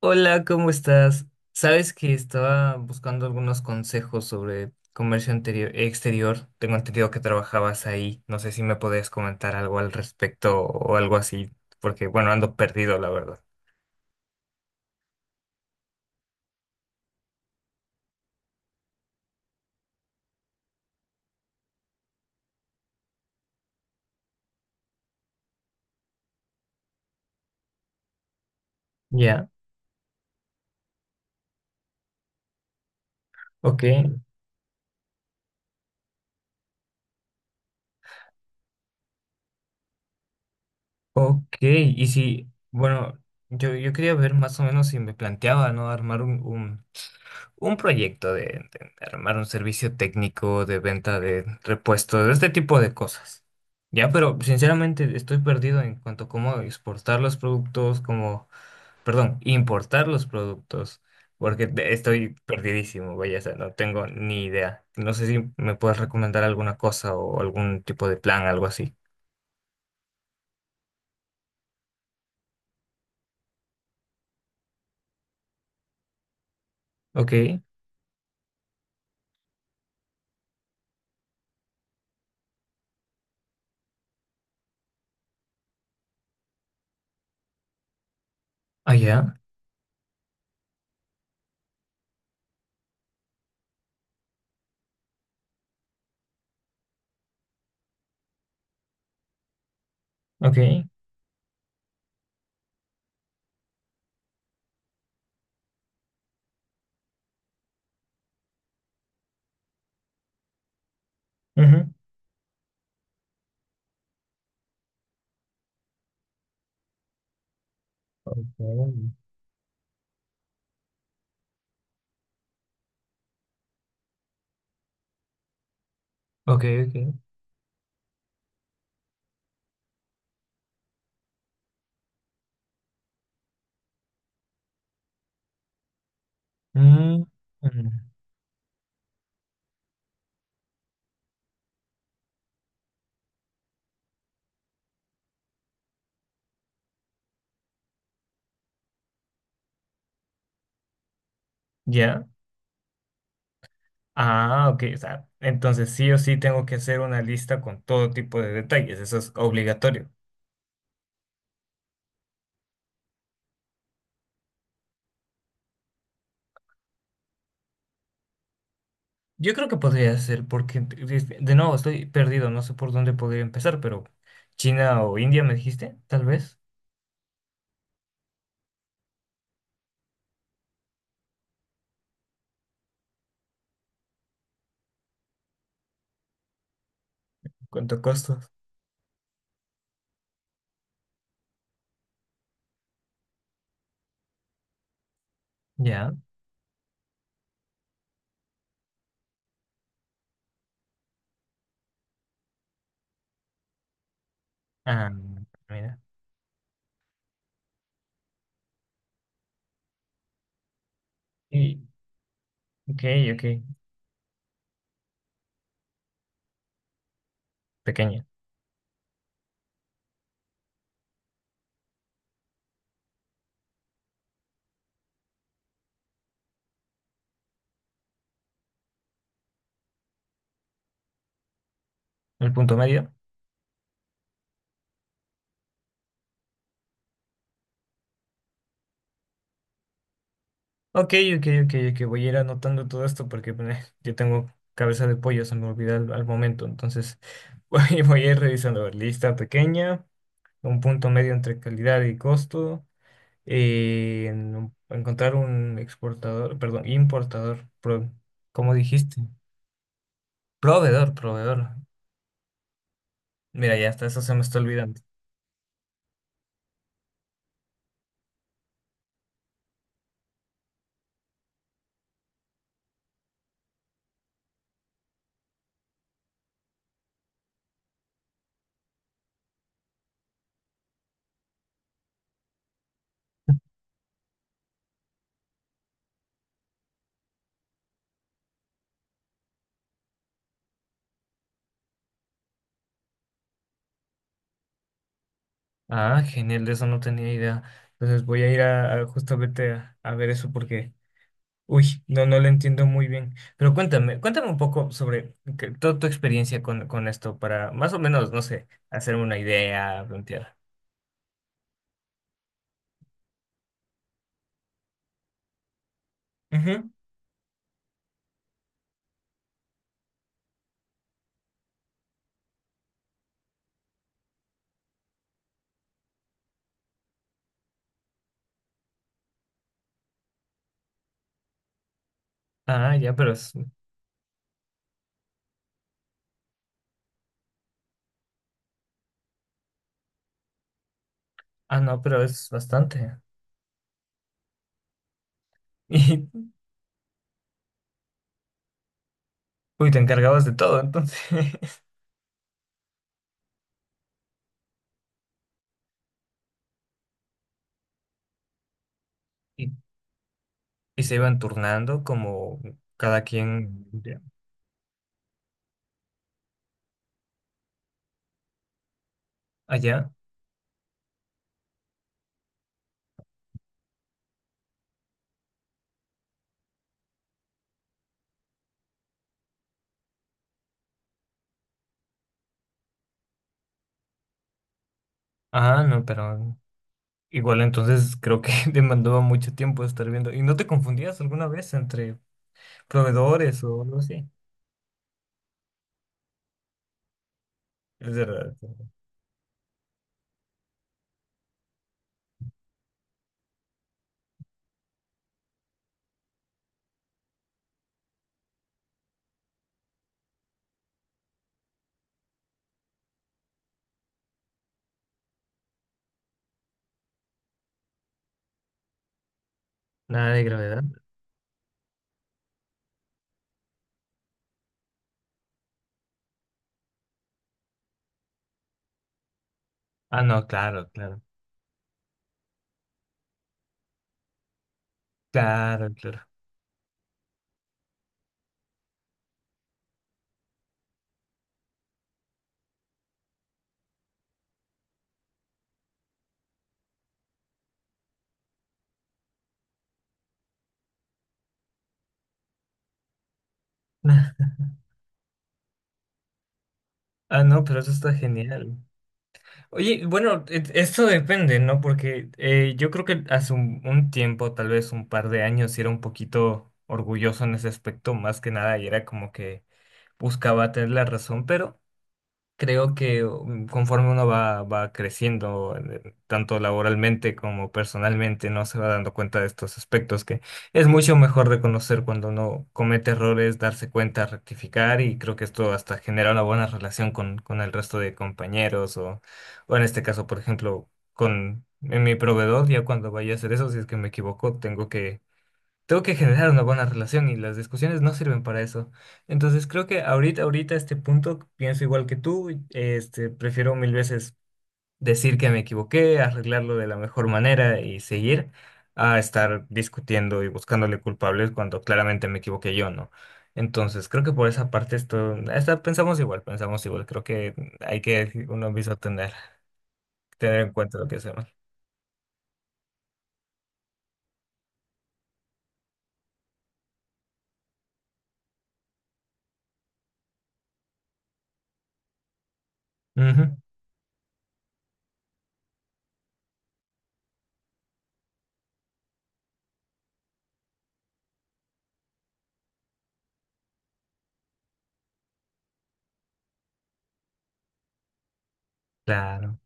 Hola, ¿cómo estás? Sabes que estaba buscando algunos consejos sobre exterior. Tengo entendido que trabajabas ahí. No sé si me podías comentar algo al respecto o algo así, porque bueno, ando perdido, la verdad. Ya, ok, ok. Y si, bueno, yo quería ver más o menos si me planteaba, ¿no? Armar un proyecto de armar un servicio técnico de venta de repuestos, este tipo de cosas. Ya, pero sinceramente estoy perdido en cuanto a cómo exportar los productos, cómo, perdón, importar los productos, porque estoy perdidísimo, vaya, o sea, no tengo ni idea. No sé si me puedes recomendar alguna cosa o algún tipo de plan, algo así. Ok, allá, ok. Ujú. Ok, ok, ok. Mm, mm, ya. Ah, ok, o sea, entonces sí o sí tengo que hacer una lista con todo tipo de detalles, eso es obligatorio. Yo creo que podría ser, porque de nuevo estoy perdido, no sé por dónde podría empezar, pero China o India me dijiste, tal vez. ¿Cuánto costos? Ya. Ah, mira. Y, ok, ok, pequeña. El punto medio. Ok, ok, ok, ok, voy a ir anotando todo esto porque yo tengo cabeza de pollo, se me olvida al momento, entonces voy a ir revisando, a ver, lista pequeña. Un punto medio entre calidad y costo, en encontrar un exportador, perdón, importador, pro- ¿cómo dijiste? Proveedor, proveedor. Mira, ya hasta eso se me está olvidando. Ah, genial, de eso no tenía idea. Entonces voy a ir a justamente a ver eso porque, uy, no, no lo entiendo muy bien. Pero cuéntame, cuéntame un poco sobre toda tu experiencia con esto para más o menos, no sé, hacerme una idea, plantear. Ujú. Ah, ya, pero es, ah, no, pero es bastante. Y uy, te encargabas de todo, entonces. Y, y se iban turnando como cada quien de allá. Ah, no, pero igual entonces creo que demandaba mucho tiempo estar viendo. ¿Y no te confundías alguna vez entre proveedores o algo así? Es verdad. Es verdad. Nada de gravedad. Ah, no, claro, claro. Claro, claro. Ah, no, pero eso está genial. Oye, bueno, esto depende, ¿no? Porque yo creo que hace un tiempo, tal vez un par de años, sí era un poquito orgulloso en ese aspecto, más que nada, y era como que buscaba tener la razón, pero... Creo que conforme uno va creciendo, tanto laboralmente como personalmente, no se va dando cuenta de estos aspectos que es mucho mejor reconocer cuando uno comete errores, darse cuenta, rectificar y creo que esto hasta genera una buena relación con el resto de compañeros o en este caso, por ejemplo, con en mi proveedor, ya cuando vaya a hacer eso, si es que me equivoco, tengo que generar una buena relación y las discusiones no sirven para eso. Entonces creo que ahorita, ahorita, a este punto, pienso igual que tú, este, prefiero mil veces decir que me equivoqué, arreglarlo de la mejor manera y seguir a estar discutiendo y buscándole culpables cuando claramente me equivoqué yo, ¿no? Entonces creo que por esa parte esto, pensamos igual, creo que hay que uno mismo tener, tener en cuenta lo que hacemos. Ujú, claro.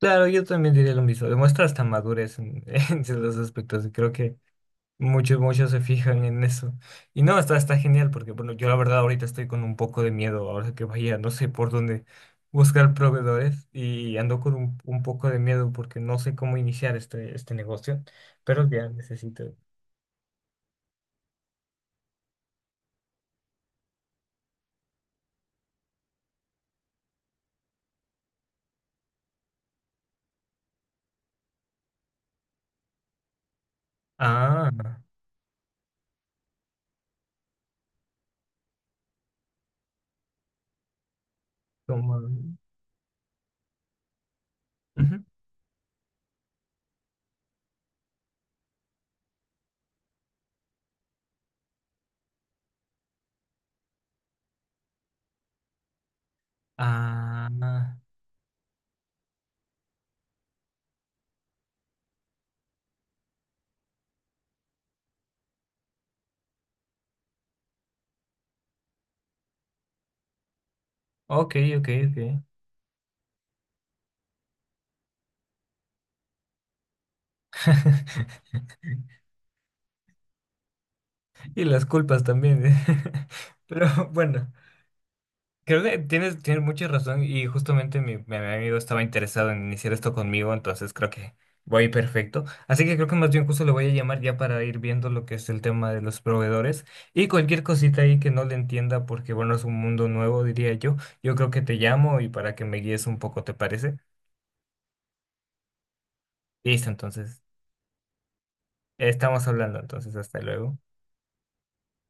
Claro, yo también diría lo mismo. Demuestra hasta madurez en, en ciertos aspectos. Y creo que muchos, muchos se fijan en eso. Y no, está, está genial porque, bueno, yo la verdad ahorita estoy con un poco de miedo. Ahora que vaya, no sé por dónde buscar proveedores. Y ando con un poco de miedo porque no sé cómo iniciar este, este negocio. Pero ya necesito. Ah, como, ujú. Ah, ok, ok, ok. Y las culpas también. Pero bueno. Creo que tienes, tienes mucha razón y justamente mi, mi amigo estaba interesado en iniciar esto conmigo, entonces creo que voy perfecto. Así que creo que más bien justo le voy a llamar ya para ir viendo lo que es el tema de los proveedores y cualquier cosita ahí que no le entienda porque bueno, es un mundo nuevo, diría yo. Yo creo que te llamo y para que me guíes un poco, ¿te parece? Listo, entonces, estamos hablando, entonces hasta luego.